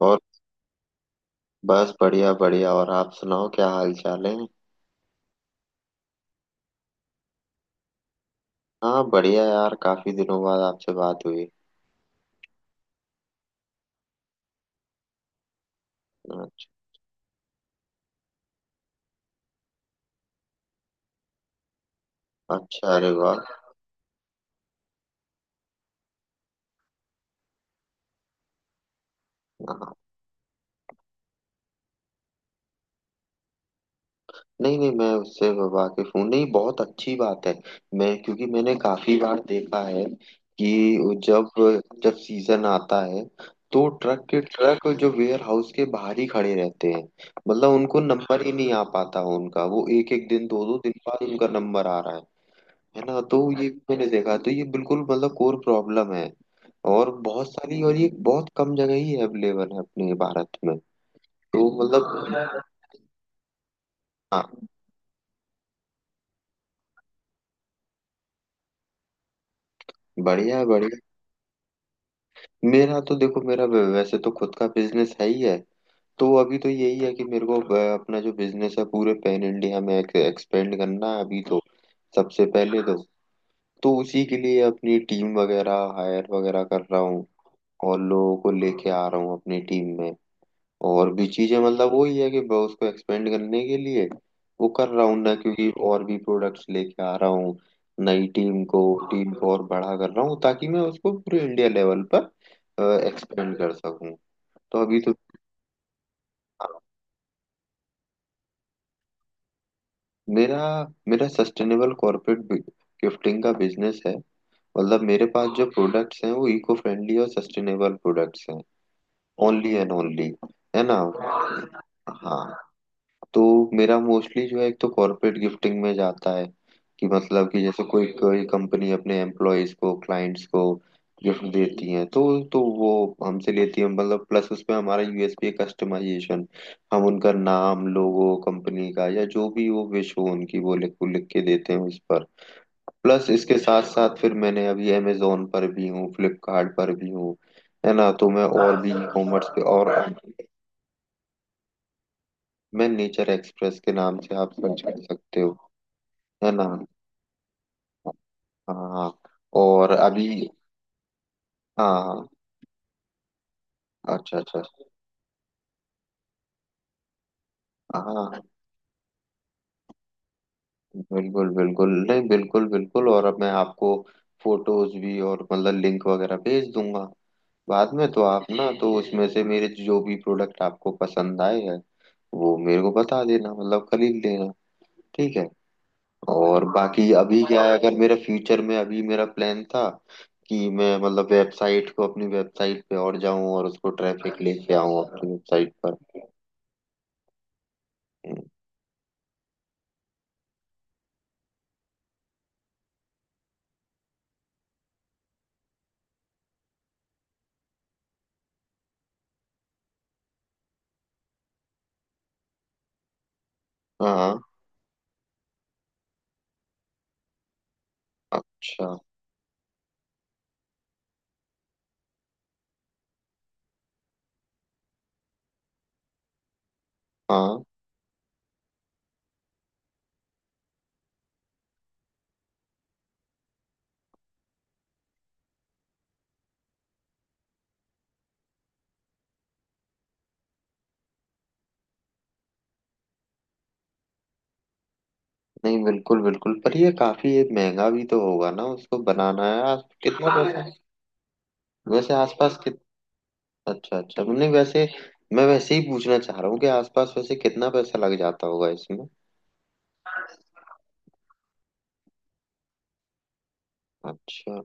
और बस बढ़िया बढ़िया। और आप सुनाओ, क्या हाल चाल है। हाँ बढ़िया यार, काफी दिनों बाद आपसे बात हुई। अच्छा। अच्छा, अरे वाह। हाँ, नहीं नहीं, मैं उससे वाकिफ हूँ। नहीं, बहुत अच्छी बात है। मैं क्योंकि मैंने काफी बार देखा है कि जब जब सीजन आता है तो ट्रक के ट्रक जो वेयर हाउस के बाहर ही खड़े रहते हैं। मतलब उनको नंबर ही नहीं आ पाता, उनका वो एक एक दिन दो दो दिन बाद उनका नंबर आ रहा है। है ना? तो ये मैंने देखा, तो ये बिल्कुल मतलब कोर प्रॉब्लम है। और बहुत सारी और ये बहुत कम जगह ही अवेलेबल है अपने भारत में। तो मतलब हाँ, बढ़िया है बढ़िया। मेरा तो देखो, मेरा वैसे तो खुद का बिजनेस है ही है। तो अभी तो यही है कि मेरे को अपना जो बिजनेस है पूरे पैन इंडिया में एक्सपेंड करना है अभी तो। सबसे पहले तो उसी के लिए अपनी टीम वगैरह हायर वगैरह कर रहा हूँ। और लोगों को लेके आ रहा हूँ अपनी टीम में। और भी चीजें मतलब वही है कि मैं उसको एक्सपेंड करने के लिए वो कर रहा हूँ ना, क्योंकि और भी प्रोडक्ट्स लेके आ रहा हूँ। नई टीम को और बड़ा कर रहा हूँ ताकि मैं उसको पूरे इंडिया लेवल पर एक्सपेंड कर सकूँ। तो अभी तो हाँ, मेरा मेरा सस्टेनेबल कॉर्पोरेट गिफ्टिंग का बिजनेस है। मतलब मेरे पास जो प्रोडक्ट्स हैं वो इको फ्रेंडली और सस्टेनेबल प्रोडक्ट्स हैं, ओनली एंड ओनली। है ना? हाँ, तो मेरा मोस्टली जो है एक तो कॉर्पोरेट गिफ्टिंग में जाता है। कि मतलब कि जैसे कोई कोई कंपनी अपने एम्प्लॉयज को क्लाइंट्स को गिफ्ट देती है, तो वो हमसे लेती है। मतलब प्लस उसमें हमारा यूएसपी है कस्टमाइजेशन। हम उनका नाम, लोगो, कंपनी का या जो भी वो विश हो उनकी वो लिख लिख के देते हैं उस पर। प्लस इसके साथ साथ फिर मैंने अभी अमेजोन पर भी हूँ, फ्लिपकार्ट पर भी हूँ। है ना? तो मैं और भी ई कॉमर्स पे और मैं नेचर एक्सप्रेस के नाम से आप सर्च कर सकते हो। है ना? हाँ, और अभी हाँ अच्छा अच्छा हाँ बिल्कुल बिल्कुल, नहीं बिल्कुल बिल्कुल। और अब मैं आपको फोटोज भी और मतलब लिंक वगैरह भेज दूंगा बाद में, तो आप ना तो उसमें से मेरे जो भी प्रोडक्ट आपको पसंद आए हैं वो मेरे को बता देना, मतलब खरीद लेना। ठीक है। और बाकी अभी क्या है, अगर मेरा फ्यूचर में अभी मेरा प्लान था कि मैं मतलब वेबसाइट को, अपनी वेबसाइट पे और जाऊं और उसको ट्रैफिक लेके आऊं अपनी वेबसाइट पर। हाँ। अच्छा। हाँ, नहीं बिल्कुल बिल्कुल, पर ये काफी ये महंगा भी तो होगा ना उसको बनाना। है आस- कितना पैसा वैसे आसपास कित, अच्छा अच्छा, नहीं वैसे मैं वैसे ही पूछना चाह रहा हूँ कि आसपास वैसे कितना पैसा लग जाता होगा इसमें। अच्छा।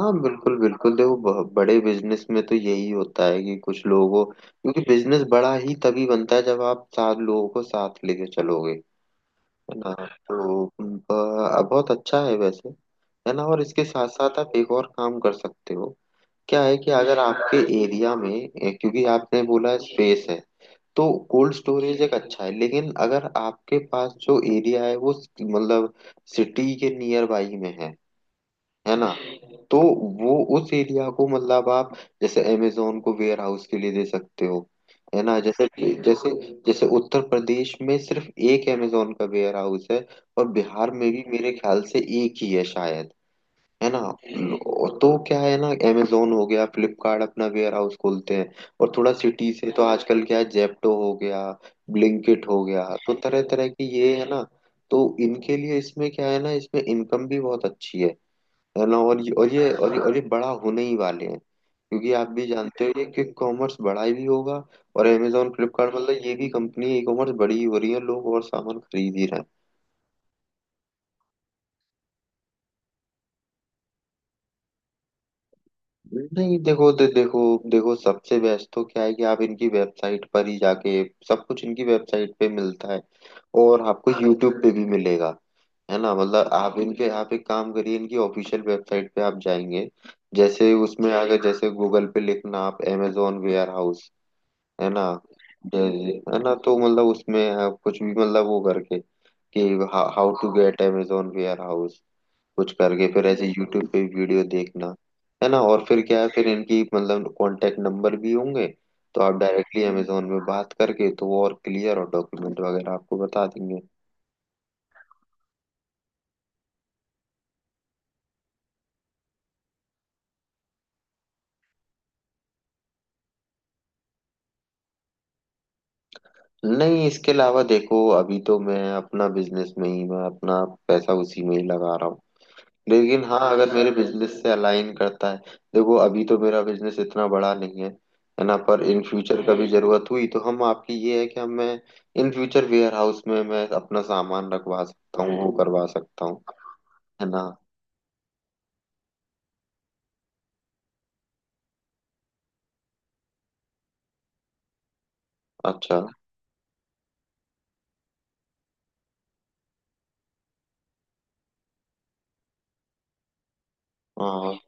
हाँ बिल्कुल बिल्कुल, देखो बड़े बिजनेस में तो यही होता है कि कुछ लोगों, क्योंकि बिजनेस बड़ा ही तभी बनता है जब आप सात लोगों को साथ लेके चलोगे। है ना? तो बहुत अच्छा है वैसे। है ना? और इसके साथ साथ आप एक और काम कर सकते हो। क्या है कि अगर आपके एरिया में क्योंकि आपने बोला स्पेस है, तो कोल्ड स्टोरेज एक अच्छा है। लेकिन अगर आपके पास जो एरिया है वो मतलब सिटी के नियर बाई में है ना, तो वो उस एरिया को मतलब आप जैसे अमेजोन को वेयर हाउस के लिए दे सकते हो। है ना? जैसे जैसे जैसे उत्तर प्रदेश में सिर्फ एक अमेजोन का वेयर हाउस है, और बिहार में भी मेरे ख्याल से एक ही है शायद। है ना? और तो क्या है ना, अमेजोन हो गया, फ्लिपकार्ट अपना वेयर हाउस खोलते हैं। और थोड़ा सिटी से तो आजकल क्या है, जेप्टो हो गया, ब्लिंकिट हो गया, तो तरह तरह की ये है ना। तो इनके लिए इसमें क्या है ना, इसमें इनकम भी बहुत अच्छी है। है ना? और ये बड़ा होने ही वाले हैं क्योंकि आप भी जानते हो ये कि कॉमर्स बड़ा भी होगा। और अमेजोन फ्लिपकार्ट मतलब ये भी कंपनी ई कॉमर्स बड़ी ही हो रही है, लोग और सामान खरीद ही रहे हैं। नहीं देखो देखो, सबसे बेस्ट तो क्या है कि आप इनकी वेबसाइट पर ही जाके सब कुछ इनकी वेबसाइट पे मिलता है, और आपको यूट्यूब पे भी मिलेगा। है ना? मतलब आप इनके आप एक काम करिए, इनकी ऑफिशियल वेबसाइट पे आप जाएंगे। जैसे उसमें अगर जैसे गूगल पे लिखना आप अमेजोन वेयर हाउस, है ना, जैसे, है ना, तो मतलब उसमें आप कुछ भी मतलब वो करके कि how to get Amazon warehouse, कुछ करके फिर ऐसे यूट्यूब पे वीडियो देखना। है ना? और फिर क्या है, फिर इनकी मतलब कांटेक्ट नंबर भी होंगे, तो आप डायरेक्टली अमेजोन में बात करके तो वो और क्लियर और डॉक्यूमेंट वगैरह आपको बता देंगे। नहीं इसके अलावा देखो, अभी तो मैं अपना बिजनेस में ही मैं अपना पैसा उसी में ही लगा रहा हूँ। लेकिन हाँ, अगर मेरे बिजनेस से अलाइन करता है, देखो अभी तो मेरा बिजनेस इतना बड़ा नहीं है, है ना, पर इन फ्यूचर कभी जरूरत हुई तो हम आपकी ये है कि हम मैं इन फ्यूचर वेयर हाउस में मैं अपना सामान रखवा सकता हूँ, वो करवा सकता हूँ। है ना? अच्छा, हाँ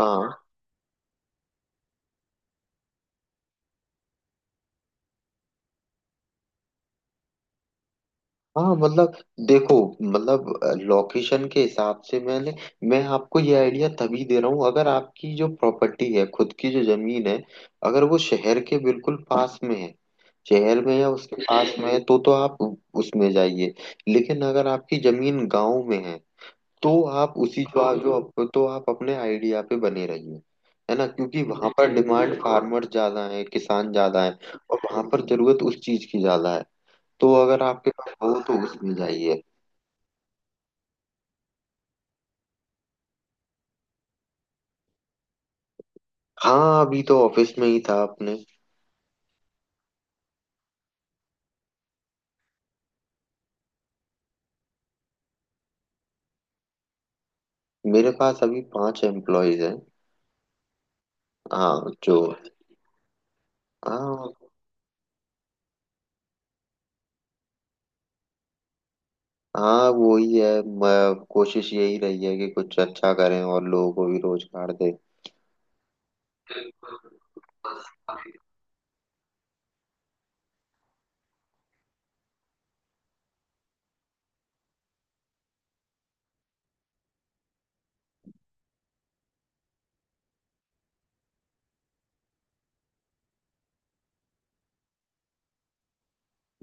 हाँ हाँ मतलब देखो, मतलब लोकेशन के हिसाब से मैंने मैं आपको ये आइडिया तभी दे रहा हूँ अगर आपकी जो प्रॉपर्टी है, खुद की जो जमीन है, अगर वो शहर के बिल्कुल पास में है, शहर में या उसके पास में है, तो आप उसमें जाइए। लेकिन अगर आपकी जमीन गांव में है, तो आप उसी जो आप जो तो आप अपने आइडिया पे बने रहिए। है ना? क्योंकि वहां पर डिमांड फार्मर ज्यादा है, किसान ज्यादा है। और वहां पर जरूरत उस चीज की ज्यादा है। तो अगर आपके पास हो तो उसमें जाइए। हाँ, अभी तो ऑफिस में ही था अपने। मेरे पास अभी 5 एम्प्लॉयज हैं। हाँ जो हाँ हाँ वो ही है कोशिश यही रही है कि कुछ अच्छा करें और लोगों को भी रोजगार दें।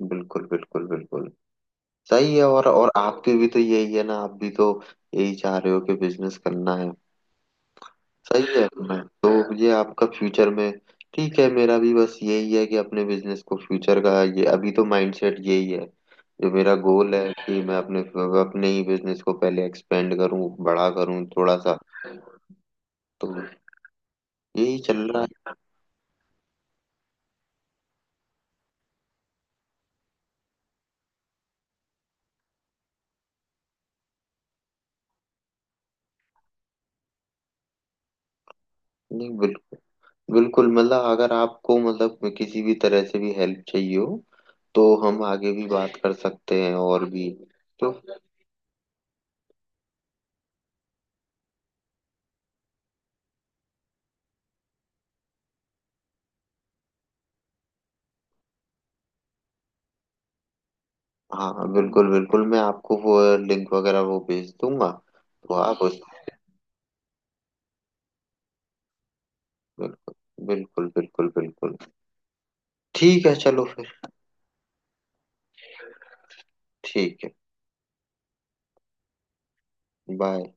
बिल्कुल बिल्कुल बिल्कुल सही है। और आपकी भी तो यही है ना, आप भी तो यही चाह रहे हो कि बिजनेस करना है। सही है, मैं तो ये आपका फ्यूचर में ठीक है, मेरा भी बस यही है कि अपने बिजनेस को फ्यूचर का ये अभी तो माइंडसेट यही है, जो मेरा गोल है कि मैं अपने अपने ही बिजनेस को पहले एक्सपेंड करूं, बड़ा करूं थोड़ा सा। तो यही चल रहा है। नहीं बिल्कुल बिल्कुल, मतलब अगर आपको मतलब किसी भी तरह से भी हेल्प चाहिए हो तो हम आगे भी बात कर सकते हैं और भी। तो हाँ बिल्कुल बिल्कुल, मैं आपको वो लिंक वगैरह वो भेज दूंगा। तो आप उस बिल्कुल बिल्कुल, ठीक है चलो फिर। ठीक है, बाय।